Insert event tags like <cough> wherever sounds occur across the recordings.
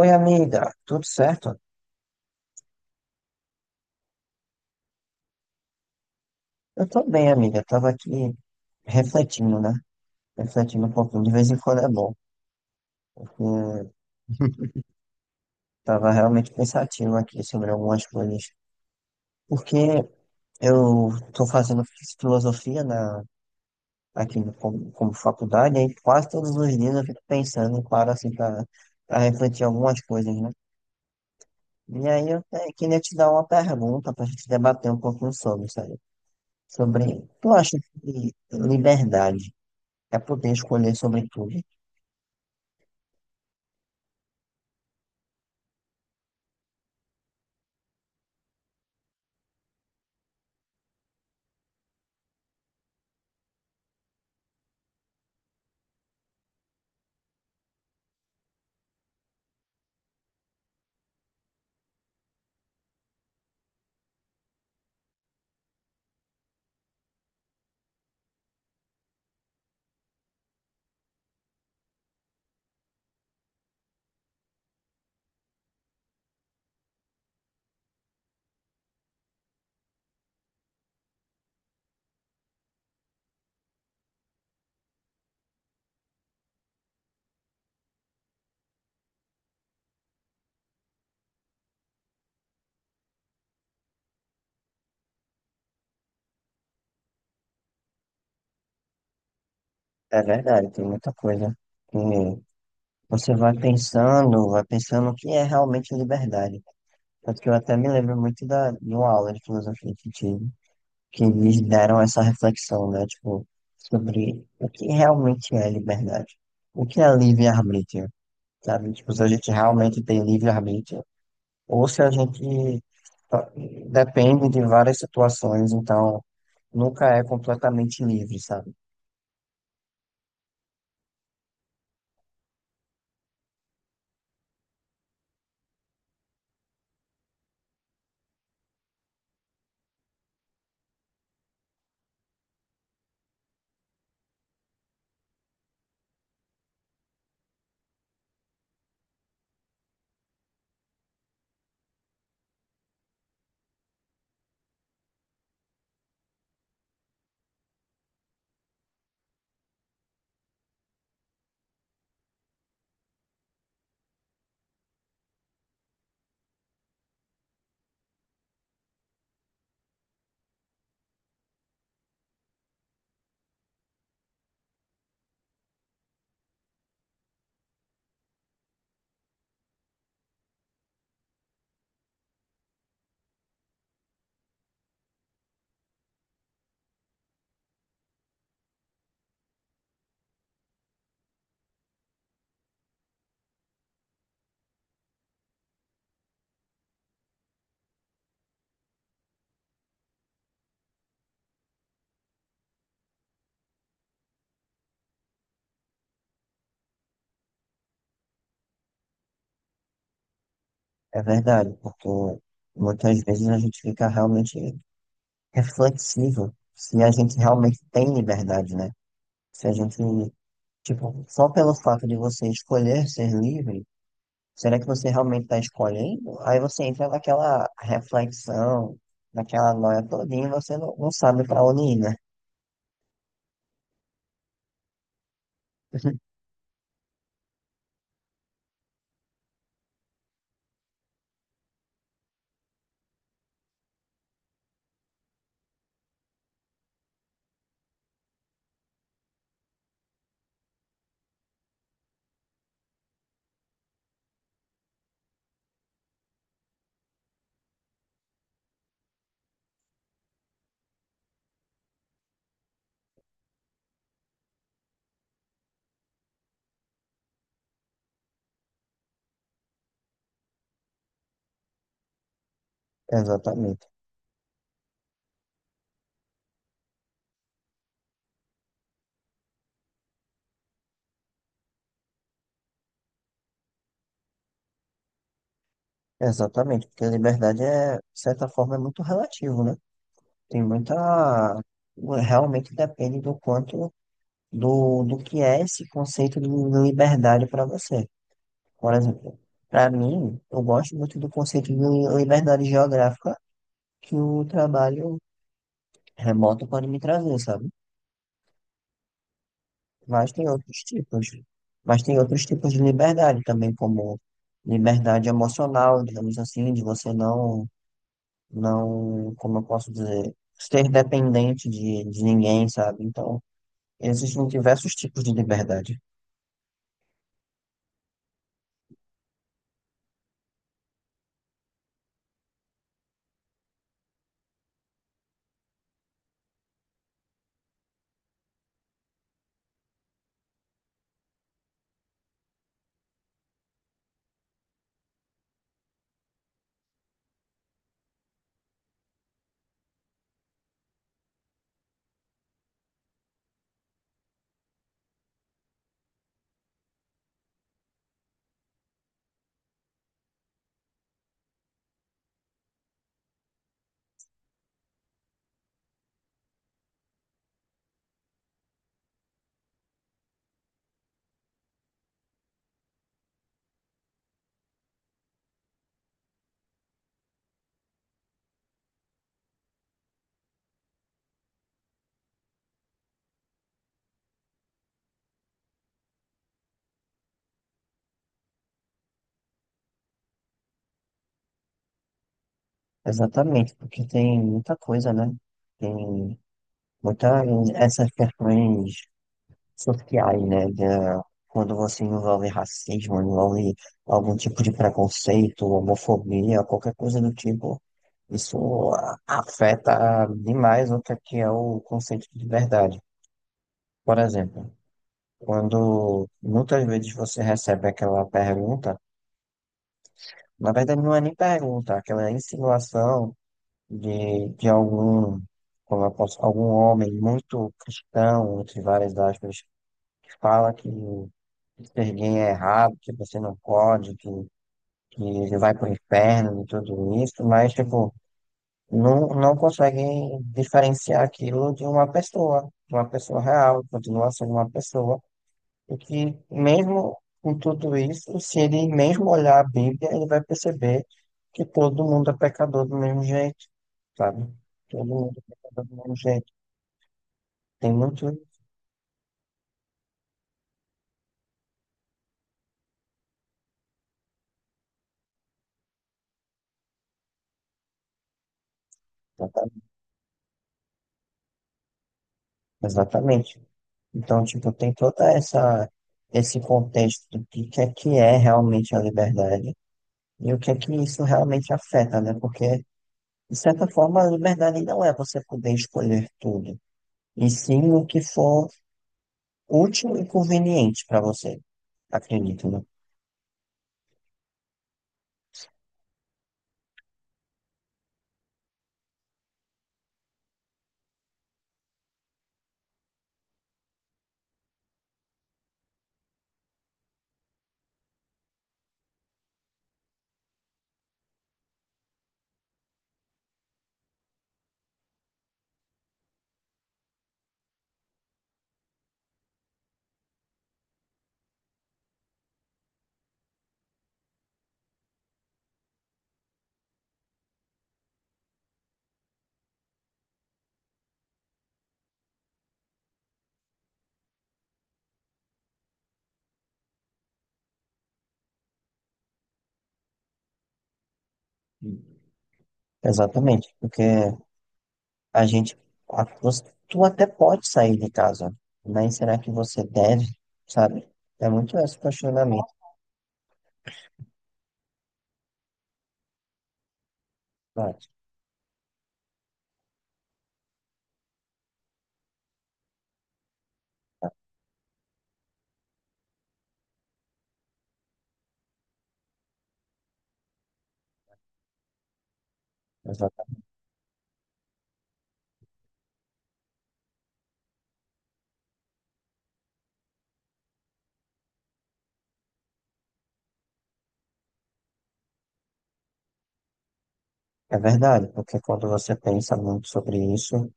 Oi, amiga, tudo certo? Eu tô bem, amiga. Eu tava aqui refletindo, né? Refletindo um pouquinho. De vez em quando é bom, porque tava realmente pensativo aqui sobre algumas coisas. Porque eu tô fazendo filosofia na, aqui no- como faculdade, aí quase todos os dias eu fico pensando, claro, assim, pra refletir algumas coisas, né? E aí eu te- queria te dar uma pergunta pra gente debater um pouquinho sobre, sabe? Sobre, tu acha que liberdade. É poder escolher sobre tudo. É verdade, tem muita coisa que você vai pensando o que é realmente liberdade. Tanto que eu até me lembro muito da, de uma aula de filosofia que tive, que eles deram essa reflexão, né? Tipo, sobre o que realmente é liberdade. O que é livre-arbítrio, sabe? Tipo, se a gente realmente tem livre-arbítrio, ou se a gente só- depende de várias situações, então nunca é completamente livre, sabe? É verdade, porque muitas vezes a gente fica realmente reflexivo se a gente realmente tem liberdade, né? Se a gente, tipo, só pelo fato de você escolher ser livre, será que você realmente está escolhendo? Aí você entra naquela reflexão, naquela noia todinha e você não sabe para onde ir, né? <laughs> Exatamente, exatamente, porque a liberdade é, de certa forma, é muito relativo, né? Tem muita, realmente depende do quanto do que é esse conceito de liberdade para você. Por exemplo, para mim, eu gosto muito do conceito de liberdade geográfica que o trabalho remoto pode me trazer, sabe? Mas tem outros tipos. Mas tem outros tipos de liberdade também, como liberdade emocional, digamos assim, de você não, como eu posso dizer, ser dependente de ninguém, sabe? Então, existem diversos tipos de liberdade. Exatamente, porque tem muita coisa, né? Tem muitas essas questões sociais, né? Da- quando você envolve racismo, envolve algum tipo de preconceito, homofobia, qualquer coisa do tipo, isso a- afeta demais o que é o conceito de verdade. Por exemplo, quando muitas vezes você recebe aquela pergunta, na verdade não é nem pergunta, aquela é insinuação. De algum, como eu posso, algum homem muito cristão, entre várias aspas, que fala que ser gay é errado, que você não pode, que ele vai pro inferno e tudo isso, mas, tipo, não conseguem diferenciar aquilo de uma pessoa real, continua sendo uma pessoa. E que, mesmo com tudo isso, se ele mesmo olhar a Bíblia, ele vai perceber que todo mundo é pecador do mesmo jeito, sabe? Todo mundo é pecador do mesmo jeito. Tem muito. Exatamente. Então, tipo, tem toda essa esse contexto do que é realmente a liberdade e o que é que isso realmente afeta, né? Porque, de certa forma, a liberdade não é você poder escolher tudo, e sim o que for útil e conveniente para você, acredito, né? Exatamente, porque a gente, a- você- tu até pode sair de casa, mas será que você deve, sabe? É muito esse questionamento, né? Exata- é verdade, porque quando você pensa muito sobre isso,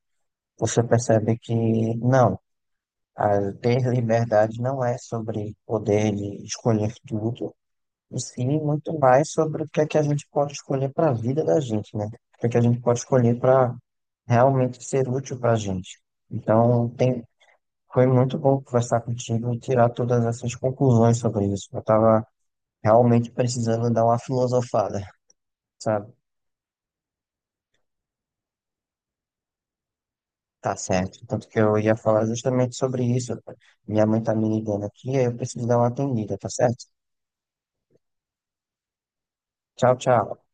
você percebe que não, a ter liberdade não é sobre poder de escolher tudo, e sim muito mais sobre o que é que a gente pode escolher para a vida da gente, né? O que é que a gente pode escolher para realmente ser útil para a gente. Então, tem foi muito bom conversar contigo e tirar todas essas conclusões sobre isso. Eu estava realmente precisando dar uma filosofada, sabe? Tá certo. Tanto que eu ia falar justamente sobre isso. Minha mãe tá me ligando aqui, aí eu preciso dar uma atendida, tá certo? Tchau, tchau.